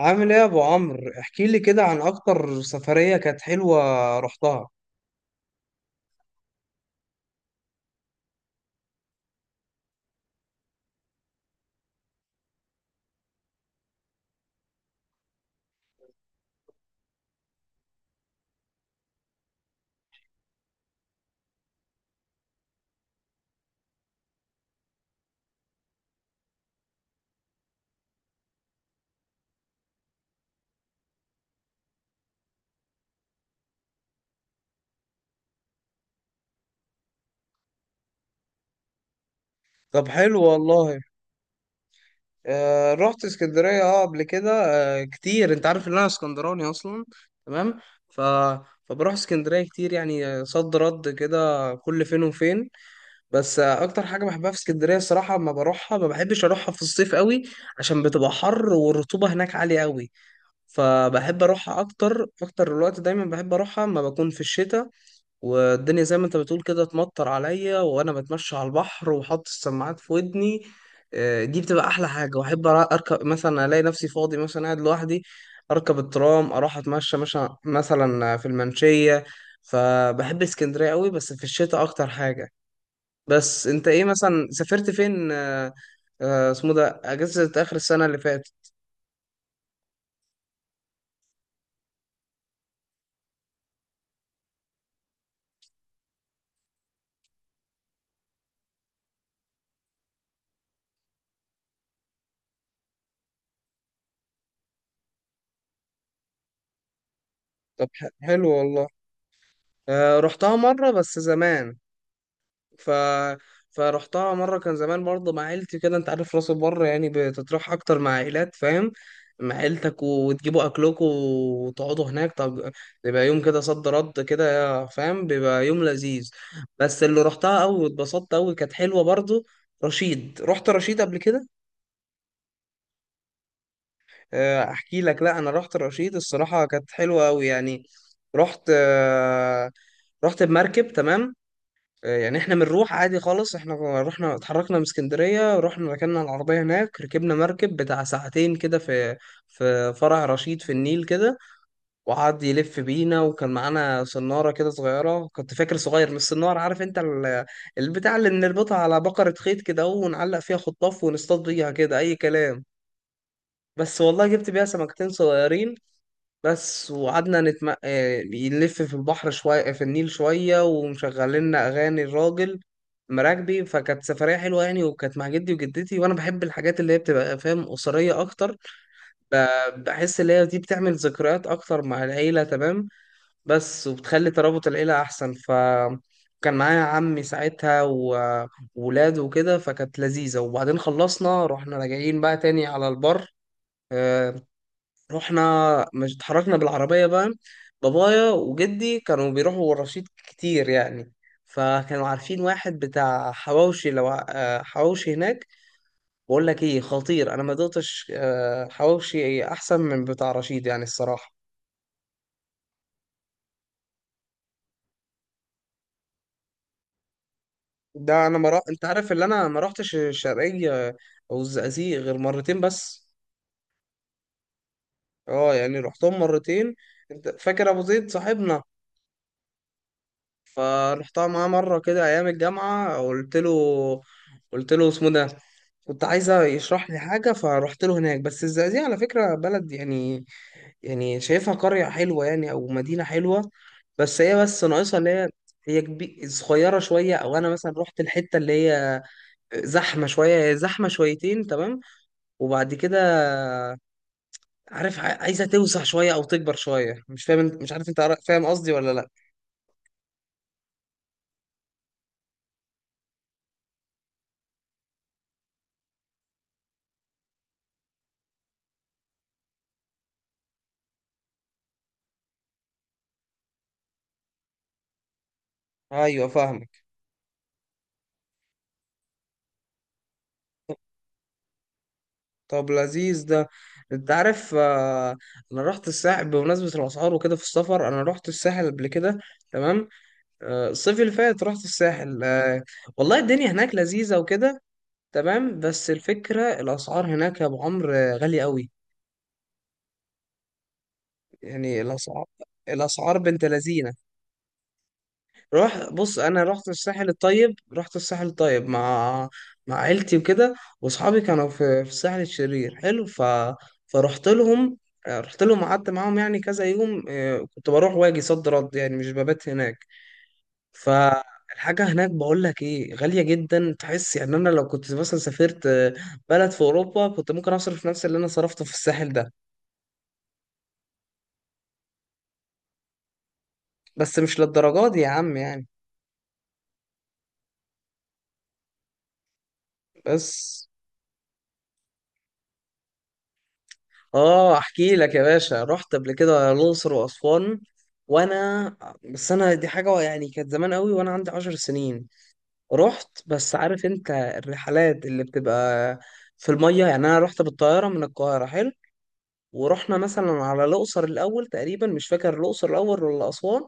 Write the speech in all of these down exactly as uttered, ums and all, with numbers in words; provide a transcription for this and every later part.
عامل ايه يا ابو عمرو؟ احكي لي كده عن اكتر سفرية كانت حلوة رحتها. طب حلو والله. آه رحت اسكندرية اه قبل كده. آه كتير، انت عارف ان انا اسكندراني اصلا. تمام. ف فبروح اسكندرية كتير يعني، آه، صد رد كده كل فين وفين. بس آه اكتر حاجة بحبها في اسكندرية الصراحة، لما بروحها ما بحبش اروحها في الصيف قوي، عشان بتبقى حر والرطوبة هناك عالية قوي. فبحب اروحها اكتر، اكتر الوقت دايما بحب اروحها اما بكون في الشتاء، والدنيا زي ما انت بتقول كده تمطر عليا وانا بتمشى على البحر وحط السماعات في ودني. آه، دي بتبقى احلى حاجه. واحب أرا- اركب مثلا، الاقي نفسي فاضي مثلا قاعد لوحدي، اركب الترام، اروح اتمشى مثلا مثلا في المنشيه. فبحب اسكندريه قوي بس في الشتاء اكتر حاجه. بس انت ايه مثلا سافرت فين آه، آه، اسمه ده اجازه اخر السنه اللي فاتت؟ طب ح- حلو والله. آه، رحتها مره بس زمان. ف فرحتها مره كان زمان برضه مع عيلتي كده. انت عارف راس البر يعني بتتروح اكتر مع عائلات، فاهم، مع عيلتك وتجيبوا اكلكم وتقعدوا هناك. طب بيبقى يوم كده صد رد كده فاهم، بيبقى يوم لذيذ. بس اللي رحتها قوي واتبسطت قوي كانت حلوه برضه. رشيد، رحت رشيد قبل كده. آه، احكي لك. لا انا رحت رشيد الصراحه كانت حلوه قوي يعني. رحت آه، رحت بمركب. تمام. آه، يعني احنا بنروح عادي خالص، احنا رحنا اتحركنا من اسكندرية، رحنا ركننا العربية هناك، ركبنا مركب بتاع ساعتين كده في في فرع رشيد في النيل كده. وقعد يلف بينا، وكان معانا صنارة كده صغيرة، كنت فاكر صغير من الصنارة. عارف انت ال- البتاع اللي بنربطها على بقرة خيط كده ونعلق فيها خطاف ونصطاد بيها كده اي كلام. بس والله جبت بيها سمكتين صغيرين بس. وقعدنا نتم... آه، نلف في البحر شوية في النيل شوية، ومشغلنا أغاني الراجل مراكبي. فكانت سفرية حلوة يعني، وكانت مع جدي وجدتي. وأنا بحب الحاجات اللي هي بتبقى فاهم أسرية أكتر. ب- بحس اللي هي دي بتعمل ذكريات أكتر مع العيلة. تمام. بس وبتخلي ترابط العيلة أحسن. ف كان معايا عمي ساعتها و- وولاده وكده، فكانت لذيذة. وبعدين خلصنا رحنا راجعين بقى تاني على البر. آه، رحنا مش اتحركنا بالعربية بقى. بابايا وجدي كانوا بيروحوا الرشيد كتير يعني، فكانوا عارفين واحد بتاع حواوشي، لو ع- آه، حواوشي هناك. بقول لك ايه، خطير، انا ما دقتش آه، حواوشي احسن من بتاع رشيد يعني الصراحة. ده انا ما رح... انت عارف اللي انا ما رحتش الشرقية او الزقازيق غير مرتين بس. اه يعني رحتهم مرتين. انت فاكر ابو زيد صاحبنا؟ فرحتها معاه مرة كده ايام الجامعة. قلت له قلت له اسمه ده، كنت عايزة يشرح لي حاجة فرحت له هناك. بس الزقازيق على فكرة بلد يعني، يعني شايفها قرية حلوة يعني أو مدينة حلوة. بس هي بس ناقصها اللي هي، هي كبي... صغيرة شوية. أو أنا مثلا رحت الحتة اللي هي زحمة شوية، هي زحمة شويتين. تمام. وبعد كده، عارف ع- عايزة توسع شوية أو تكبر شوية. مش فاهم انت- مش عارف أنت عارف- فاهم قصدي ولا لأ؟ أيوه فاهمك. طب لذيذ ده. أنت عارف آه، أنا رحت الساحل. بمناسبة الأسعار وكده في السفر، أنا رحت الساحل قبل كده. تمام. آه، الصيف اللي فات رحت الساحل. آه، والله الدنيا هناك لذيذة وكده. تمام. بس الفكرة، الأسعار هناك يا أبو عمرو آه، غالية قوي. يعني الأسعار الأسعار بنت لذينة. روح بص، أنا رحت الساحل الطيب، رحت الساحل الطيب مع مع عيلتي وكده. وأصحابي كانوا في في الساحل الشرير حلو. ف... فرحت لهم آه، رحت لهم قعدت معاهم يعني كذا يوم. آه، كنت بروح واجي صد رد يعني، مش ببات هناك. فالحاجة هناك بقول لك ايه، غالية جدا. تحس يعني انا لو كنت مثلا سافرت آه، بلد في اوروبا، كنت ممكن اصرف نفس اللي انا صرفته في الساحل ده. بس مش للدرجات دي يا عم يعني. بس اه احكي لك يا باشا. رحت قبل كده الاقصر واسوان. وانا بس انا دي حاجة يعني كانت زمان قوي وانا عندي عشر سنين. رحت. بس عارف انت الرحلات اللي بتبقى في المية، يعني انا رحت بالطيارة من القاهرة. حلو. ورحنا مثلا على الأقصر الأول تقريبا، مش فاكر الأقصر الأول ولا أسوان.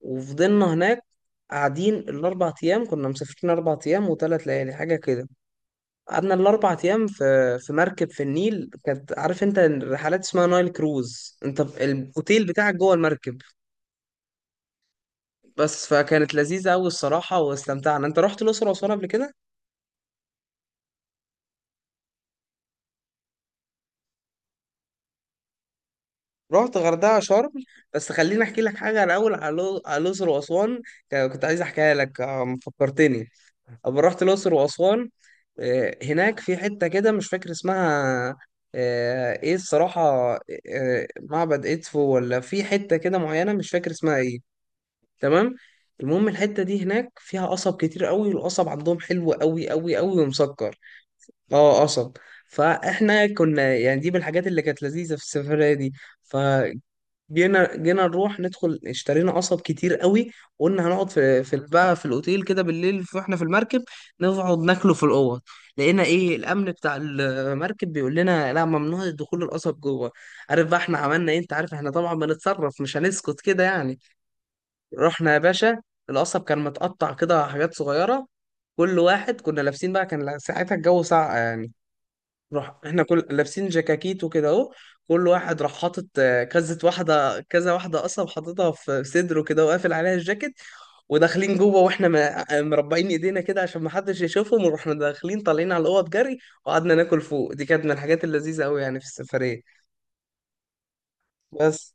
وفضلنا هناك قاعدين الأربع أيام. كنا مسافرين أربع أيام وثلاث ليالي حاجة كده. قعدنا الأربع أيام في في مركب في النيل، كانت عارف أنت الرحلات اسمها نايل كروز، أنت ب- الأوتيل بتاعك جوه المركب. بس فكانت لذيذة أوي الصراحة واستمتعنا. أنت رحت الأقصر وأسوان قبل كده؟ رحت غردقة شرم. بس خليني أحكي لك حاجة الأول على الأقصر وأسوان، كنت عايز أحكيها لك آه، فكرتني. أما رحت الأقصر وأسوان، آه، هناك في حتة كده مش فاكر اسمها آه، إيه الصراحة، آه، معبد إدفو ولا في حتة كده معينة مش فاكر اسمها إيه. تمام. المهم الحتة دي هناك فيها قصب كتير قوي، والقصب عندهم حلو قوي قوي قوي ومسكر. اه قصب. فاحنا كنا يعني دي من الحاجات اللي كانت لذيذة في السفرية دي. ف جينا جينا نروح ندخل، اشترينا قصب كتير قوي. وقلنا هنقعد في في بقى في الاوتيل كده بالليل، في- واحنا في المركب نقعد ناكله في الاوض. لقينا ايه، الامن بتاع المركب بيقول لنا لا ممنوع دخول القصب جوه. عارف بقى احنا عملنا ايه؟ انت عارف احنا طبعا بنتصرف، مش هنسكت كده يعني. رحنا يا باشا، القصب كان متقطع كده حاجات صغيره، كل واحد كنا لابسين بقى، كان ساعتها الجو ساقع يعني، راح احنا كل لابسين جاكاكيت وكده اهو. كل واحد راح حاطط آه، كذا واحده كذا واحده اصلا حاططها في صدره كده وقافل عليها الجاكيت. وداخلين جوه واحنا م- آه، مربعين ايدينا كده عشان ما حدش يشوفهم، ورحنا داخلين طالعين على الاوض جري. وقعدنا ناكل فوق. دي كانت من الحاجات اللذيذه قوي يعني في السفريه. بس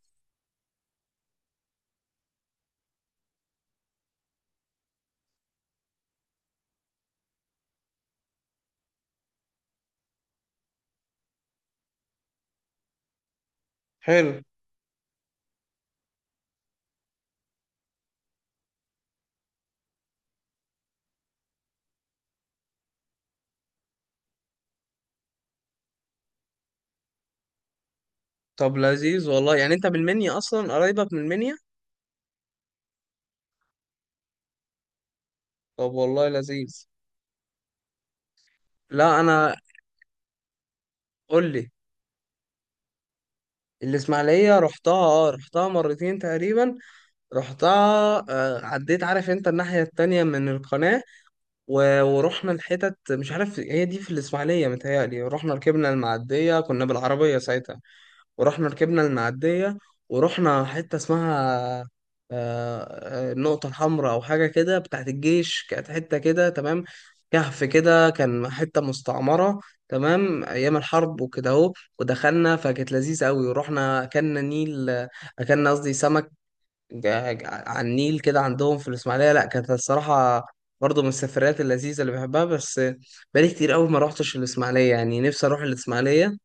حلو. طب لذيذ والله. يعني انت من المنيا اصلا؟ قرايبك من المنيا؟ طب والله لذيذ. لا انا. قول لي، الاسماعيليه رحتها اه رحتها مرتين تقريبا رحتها. آه، عديت، عارف انت الناحية التانية من القناة، و- ورحنا الحتت مش عارف هي دي في الإسماعيلية متهيألي، رحنا ركبنا المعدية كنا بالعربية ساعتها. ورحنا ركبنا المعدية. ورحنا حتة اسمها آه، آه، النقطة الحمراء أو حاجة كده بتاعت الجيش، كانت حتة كده تمام، كهف كده، كان حتة مستعمرة تمام أيام الحرب وكده أهو. ودخلنا فكانت لذيذة أوي. ورحنا أكلنا نيل أكلنا قصدي سمك. جا- جا- على النيل كده عندهم في الإسماعيلية، لا كانت الصراحة برضه من السفريات اللذيذة اللي بحبها. بس بقالي كتير قوي ما روحتش الإسماعيلية يعني، نفسي أروح الإسماعيلية.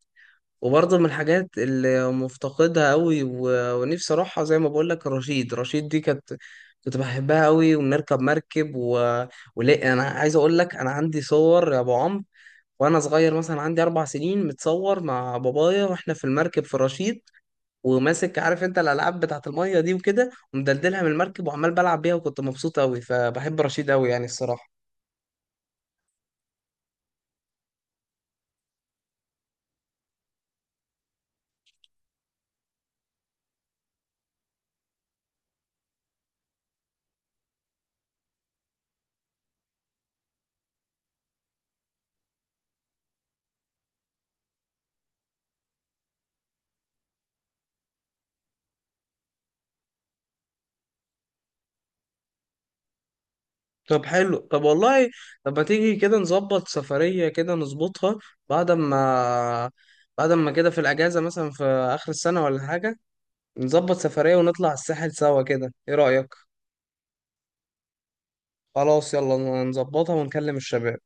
وبرضه من الحاجات اللي مفتقدها قوي و- ونفسي أروحها. زي ما بقول لك، رشيد رشيد دي كانت، كنت بحبها قوي ونركب مركب و... ولا أنا عايز أقول لك، أنا عندي صور يا أبو عمرو، وأنا صغير مثلا عندي أربع سنين، متصور مع بابايا وإحنا في المركب في رشيد، وماسك، عارف انت الالعاب بتاعت الميه دي وكده، ومدلدلها من المركب وعمال بلعب بيها، وكنت مبسوط قوي. فبحب رشيد قوي يعني الصراحه. طب حلو. طب والله، طب ما تيجي كده نظبط سفريه، كده نظبطها. بعد ما بعد ما كده في الاجازه مثلا في اخر السنه ولا حاجه، نظبط سفريه ونطلع الساحل سوا كده. ايه رايك؟ خلاص يلا نظبطها ونكلم الشباب.